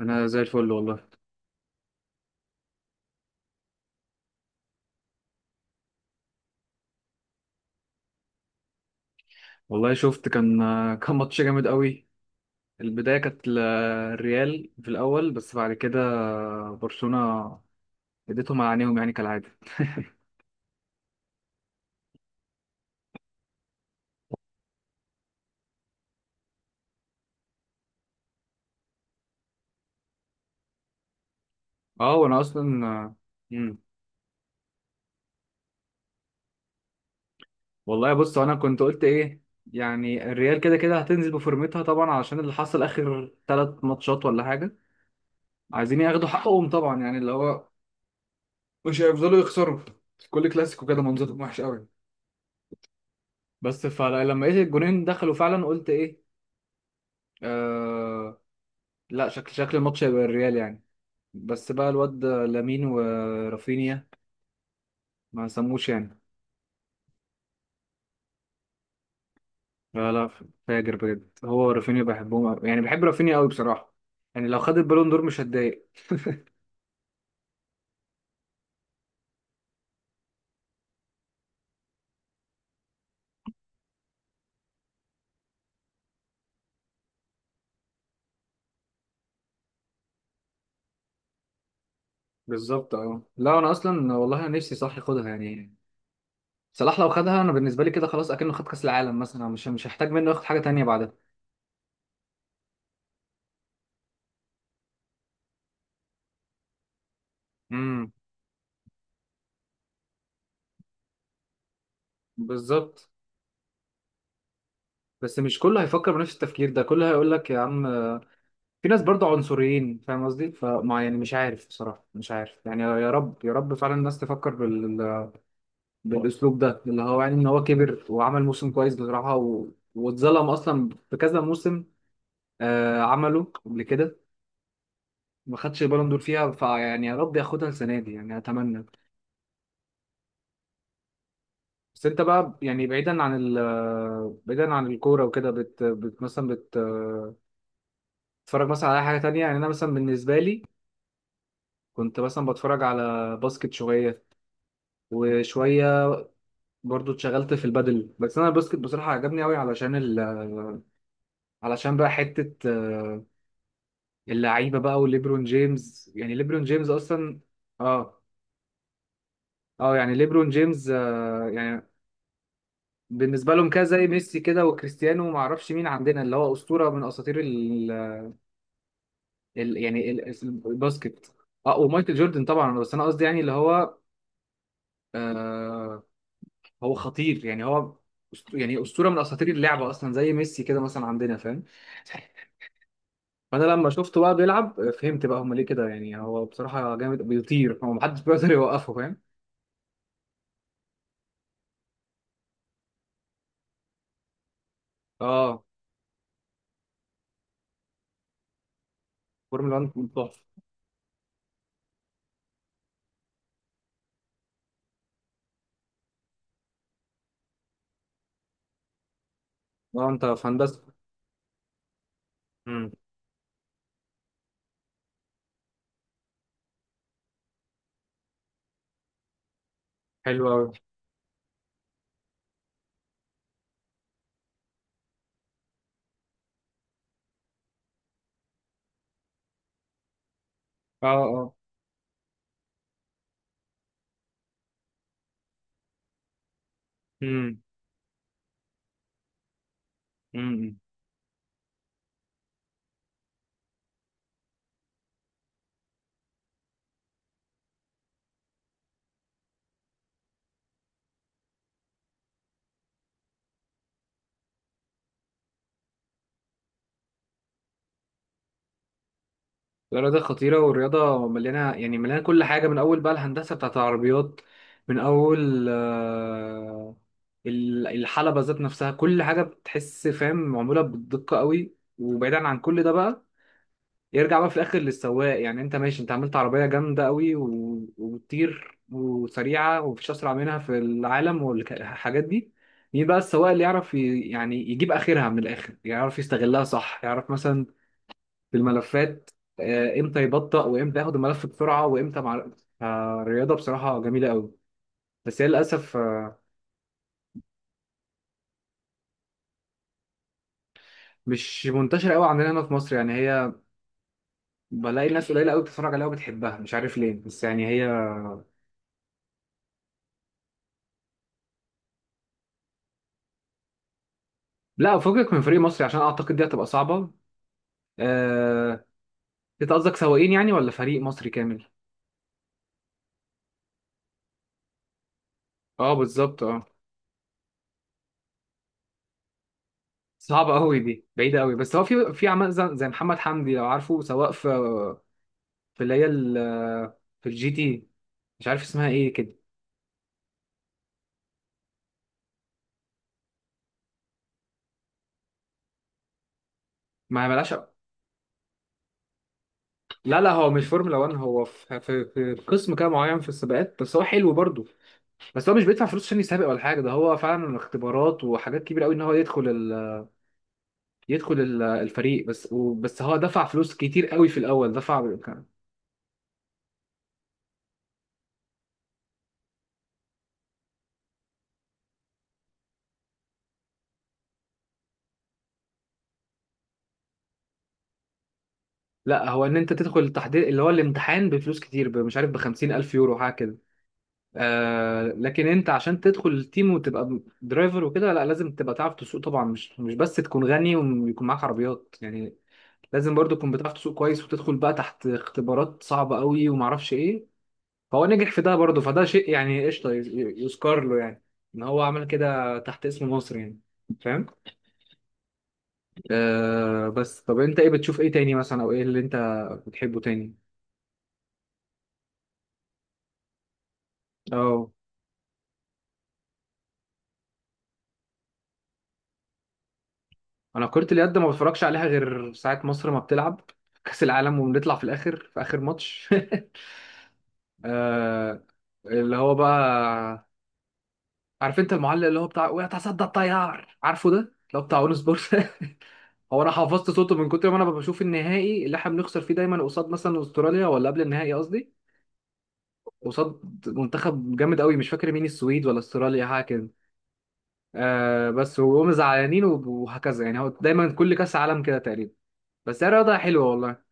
انا زي الفل والله. والله شفت. كان ماتش جامد قوي. البدايه كانت الريال في الاول، بس بعد كده برشلونه اديتهم على عينيهم يعني كالعاده. اه وانا اصلا امم والله بص، انا كنت قلت ايه؟ يعني الريال كده كده هتنزل بفورمتها طبعا، علشان اللي حصل اخر ثلاث ماتشات ولا حاجه. عايزين ياخدوا حقهم طبعا، يعني اللي هو مش هيفضلوا يخسروا كل كلاسيكو كده، منظرهم وحش قوي. بس فلما لقيت الجونين دخلوا فعلا قلت ايه؟ آه، لا، شكل الماتش هيبقى الريال يعني. بس بقى الواد ده لامين ورافينيا ما سموش يعني. لا لا، فاجر بجد، هو ورافينيا بحبهم أوي. يعني بحب رافينيا قوي بصراحة، يعني لو خد البالون دور مش هتضايق. بالظبط. اه لا، انا اصلا والله انا نفسي صح ياخدها يعني. صلاح لو خدها، انا بالنسبة لي كده خلاص اكنه خد كاس العالم مثلا، مش هحتاج منه ياخد حاجة تانية بعدها. امم. بالظبط. بس مش كله هيفكر بنفس التفكير ده، كله هيقول لك يا عم في ناس برضه عنصريين، فاهم قصدي؟ فما يعني مش عارف بصراحة، مش عارف يعني. يا رب يا رب فعلا الناس تفكر بالأسلوب ده، اللي هو يعني إن هو كبر وعمل موسم كويس بصراحة، و... واتظلم أصلا في كذا موسم. عمله قبل كده، ما خدش البالون دور فيها. فيعني يا رب ياخدها السنة دي يعني، أتمنى. بس أنت بقى، يعني بعيدا عن بعيدا عن الكورة وكده، بت... بت... مثلا بت... آه، بتتفرج مثلا على أي حاجة تانية؟ يعني أنا مثلا بالنسبة لي كنت مثلا بتفرج على باسكت شوية، وشوية برضو اتشغلت في البادل. بس انا الباسكت بصراحه عجبني قوي، علشان علشان بقى حته اللعيبه بقى وليبرون جيمس، يعني ليبرون جيمس اصلا. اه اه، يعني ليبرون جيمس يعني بالنسبه لهم كده زي ميسي كده وكريستيانو، وما اعرفش مين عندنا اللي هو اسطوره من اساطير ال يعني ال- الباسكت. اه ومايكل جوردن طبعا. بس انا قصدي يعني اللي هو آه هو خطير، يعني هو يعني اسطوره من اساطير اللعبه اصلا، زي ميسي كده مثلا عندنا، فاهم؟ فانا لما شفته بقى بيلعب فهمت بقى هم ليه كده، يعني هو بصراحه جامد، بيطير، هو محدش بيقدر يوقفه، فاهم. اه. فورمولا 1 تحفه. اه انت في هندسه. امم حلو قوي. اه. اه. امم. امم. إمم. الرياضه خطيره، والرياضه مليانه، يعني مليانه كل حاجه، من اول بقى الهندسه بتاعت العربيات، من اول الحلبة ذات نفسها، كل حاجة بتحس فاهم معمولة بالدقة قوي. وبعيدا عن كل ده بقى، يرجع بقى في الاخر للسواق، يعني انت ماشي، انت عملت عربيه جامده قوي و... وبتطير وسريعه ومفيش اسرع منها في العالم والحاجات دي، مين بقى السواق اللي يعرف يعني يجيب اخرها من الاخر، يعرف يستغلها صح، يعرف مثلا في الملفات امتى يبطأ وامتى ياخد الملف بسرعه، وامتى مع الرياضه بصراحه جميله قوي. بس هي للاسف مش منتشره قوي عندنا هنا في مصر، يعني هي بلاقي الناس قليله قوي بتتفرج عليها وبتحبها، مش عارف ليه، بس يعني هي. لا، فكك من فريق مصري عشان اعتقد دي هتبقى صعبه. آه... انت قصدك سواقين يعني ولا فريق مصري كامل؟ اه بالظبط اه. صعبة قوي دي، بعيدة قوي. بس هو في عمال زي محمد حمدي، لو عارفه، سواق في في اللي هي ال- في الجي تي، مش عارف اسمها ايه كده. ما ملهاش. لا لا، هو مش فورمولا 1، هو في قسم كده معين في السباقات. بس هو حلو برضه. بس هو مش بيدفع فلوس عشان يسابق ولا حاجة، ده هو فعلا اختبارات وحاجات كبيرة قوي ان هو يدخل الفريق بس. بس هو دفع فلوس كتير قوي في الاول، دفع. لا، هو ان انت تدخل التحضير اللي هو الامتحان بفلوس كتير، مش عارف، ب 50,000 يورو حاجه كده. آه لكن انت عشان تدخل التيم وتبقى درايفر وكده، لا، لازم تبقى تعرف تسوق طبعا، مش بس تكون غني ويكون معاك عربيات يعني. لازم برضو تكون بتعرف تسوق كويس، وتدخل بقى تحت اختبارات صعبه قوي ومعرفش ايه. فهو نجح في ده برضو، فده شيء يعني قشطه، يذكر له يعني، ان هو عمل كده تحت اسم مصر يعني. فاهم. بس طب انت ايه بتشوف ايه تاني مثلا، او ايه اللي انت بتحبه تاني؟ اه، انا كرة اليد ما بتفرجش عليها غير ساعة مصر ما بتلعب كأس العالم، وبنطلع في الاخر في اخر ماتش. آه، اللي هو بقى عارف انت المعلق اللي هو بتاع ويتصدى الطيار، عارفه ده اللي هو بتاع اون سبورت. هو انا حفظت صوته من كتر ما انا بشوف النهائي اللي احنا بنخسر فيه دايما قصاد مثلا استراليا، ولا قبل النهائي قصدي، قصاد منتخب جامد قوي مش فاكر مين، السويد ولا استراليا حاجه كده. آه بس وهم زعلانين وهكذا، يعني هو دايما كل كاس عالم كده تقريبا. بس هي رياضه حلوه والله.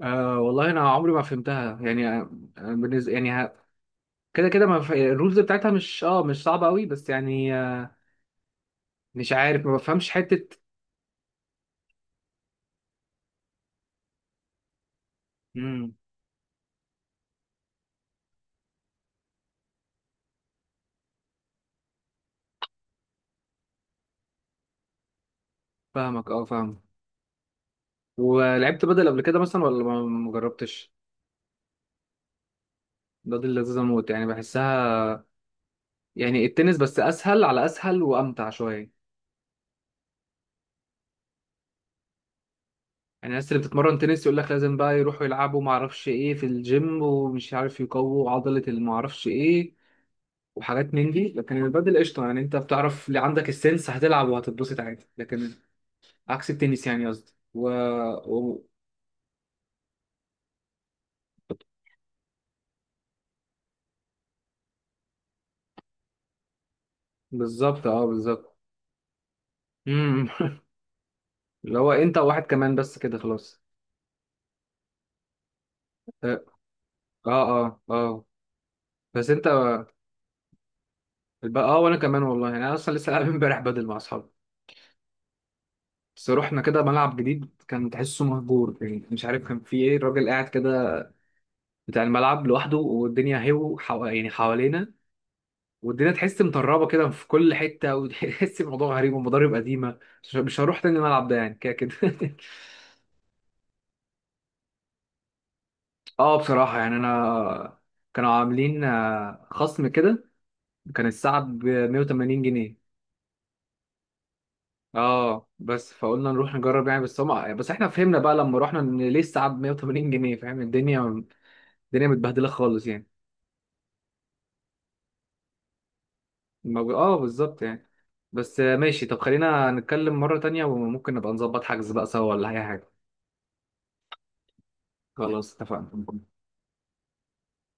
والله انا عمري ما فهمتها يعني. بالنسبه يعني ه- كده كده ما ف... الرولز بتاعتها مش صعبه قوي، بس يعني مش عارف، ما بفهمش حته. امم. فاهمك. اه فاهم. ولعبت بدل قبل كده مثلا ولا ما جربتش؟ بدل لذيذه موت يعني، بحسها يعني، التنس بس اسهل، على اسهل وامتع شويه. يعني الناس اللي بتتمرن تنس يقول لك لازم بقى يروحوا يلعبوا ما اعرفش ايه في الجيم، ومش عارف يقووا عضله اللي ما اعرفش ايه، وحاجات من دي. لكن البادل قشطة، يعني انت بتعرف اللي عندك السنس هتلعب وهتتبسط عادي. لكن عكس التنس يعني قصدي و... و... بالظبط اه بالظبط. امم. اللي هو انت وواحد كمان بس كده خلاص. اه اه اه آه. بس انت اه، وانا كمان والله، يعني انا اصلا لسه لاعب امبارح بدل مع اصحابي. بس رحنا كده ملعب جديد كان تحسه مهجور، يعني مش عارف كان فيه ايه، الراجل قاعد كده بتاع الملعب لوحده، والدنيا يعني حوالينا، والدنيا تحس مطربه كده في كل حته، وتحس الموضوع غريب، ومضارب قديمه. مش هروح تاني الملعب ده يعني كده كده. اه بصراحه يعني انا كانوا عاملين خصم كده، كان الساعه ب 180 جنيه. اه بس فقلنا نروح نجرب يعني. بس هم بس احنا فهمنا بقى لما رحنا ان ليه الساعه ب 180 جنيه، فاهم؟ الدنيا متبهدله خالص يعني. اه بالظبط يعني. بس ماشي. طب خلينا نتكلم مره تانية، وممكن نبقى نظبط حجز بقى سوا، ولا اي حاجه. خلاص اتفقنا.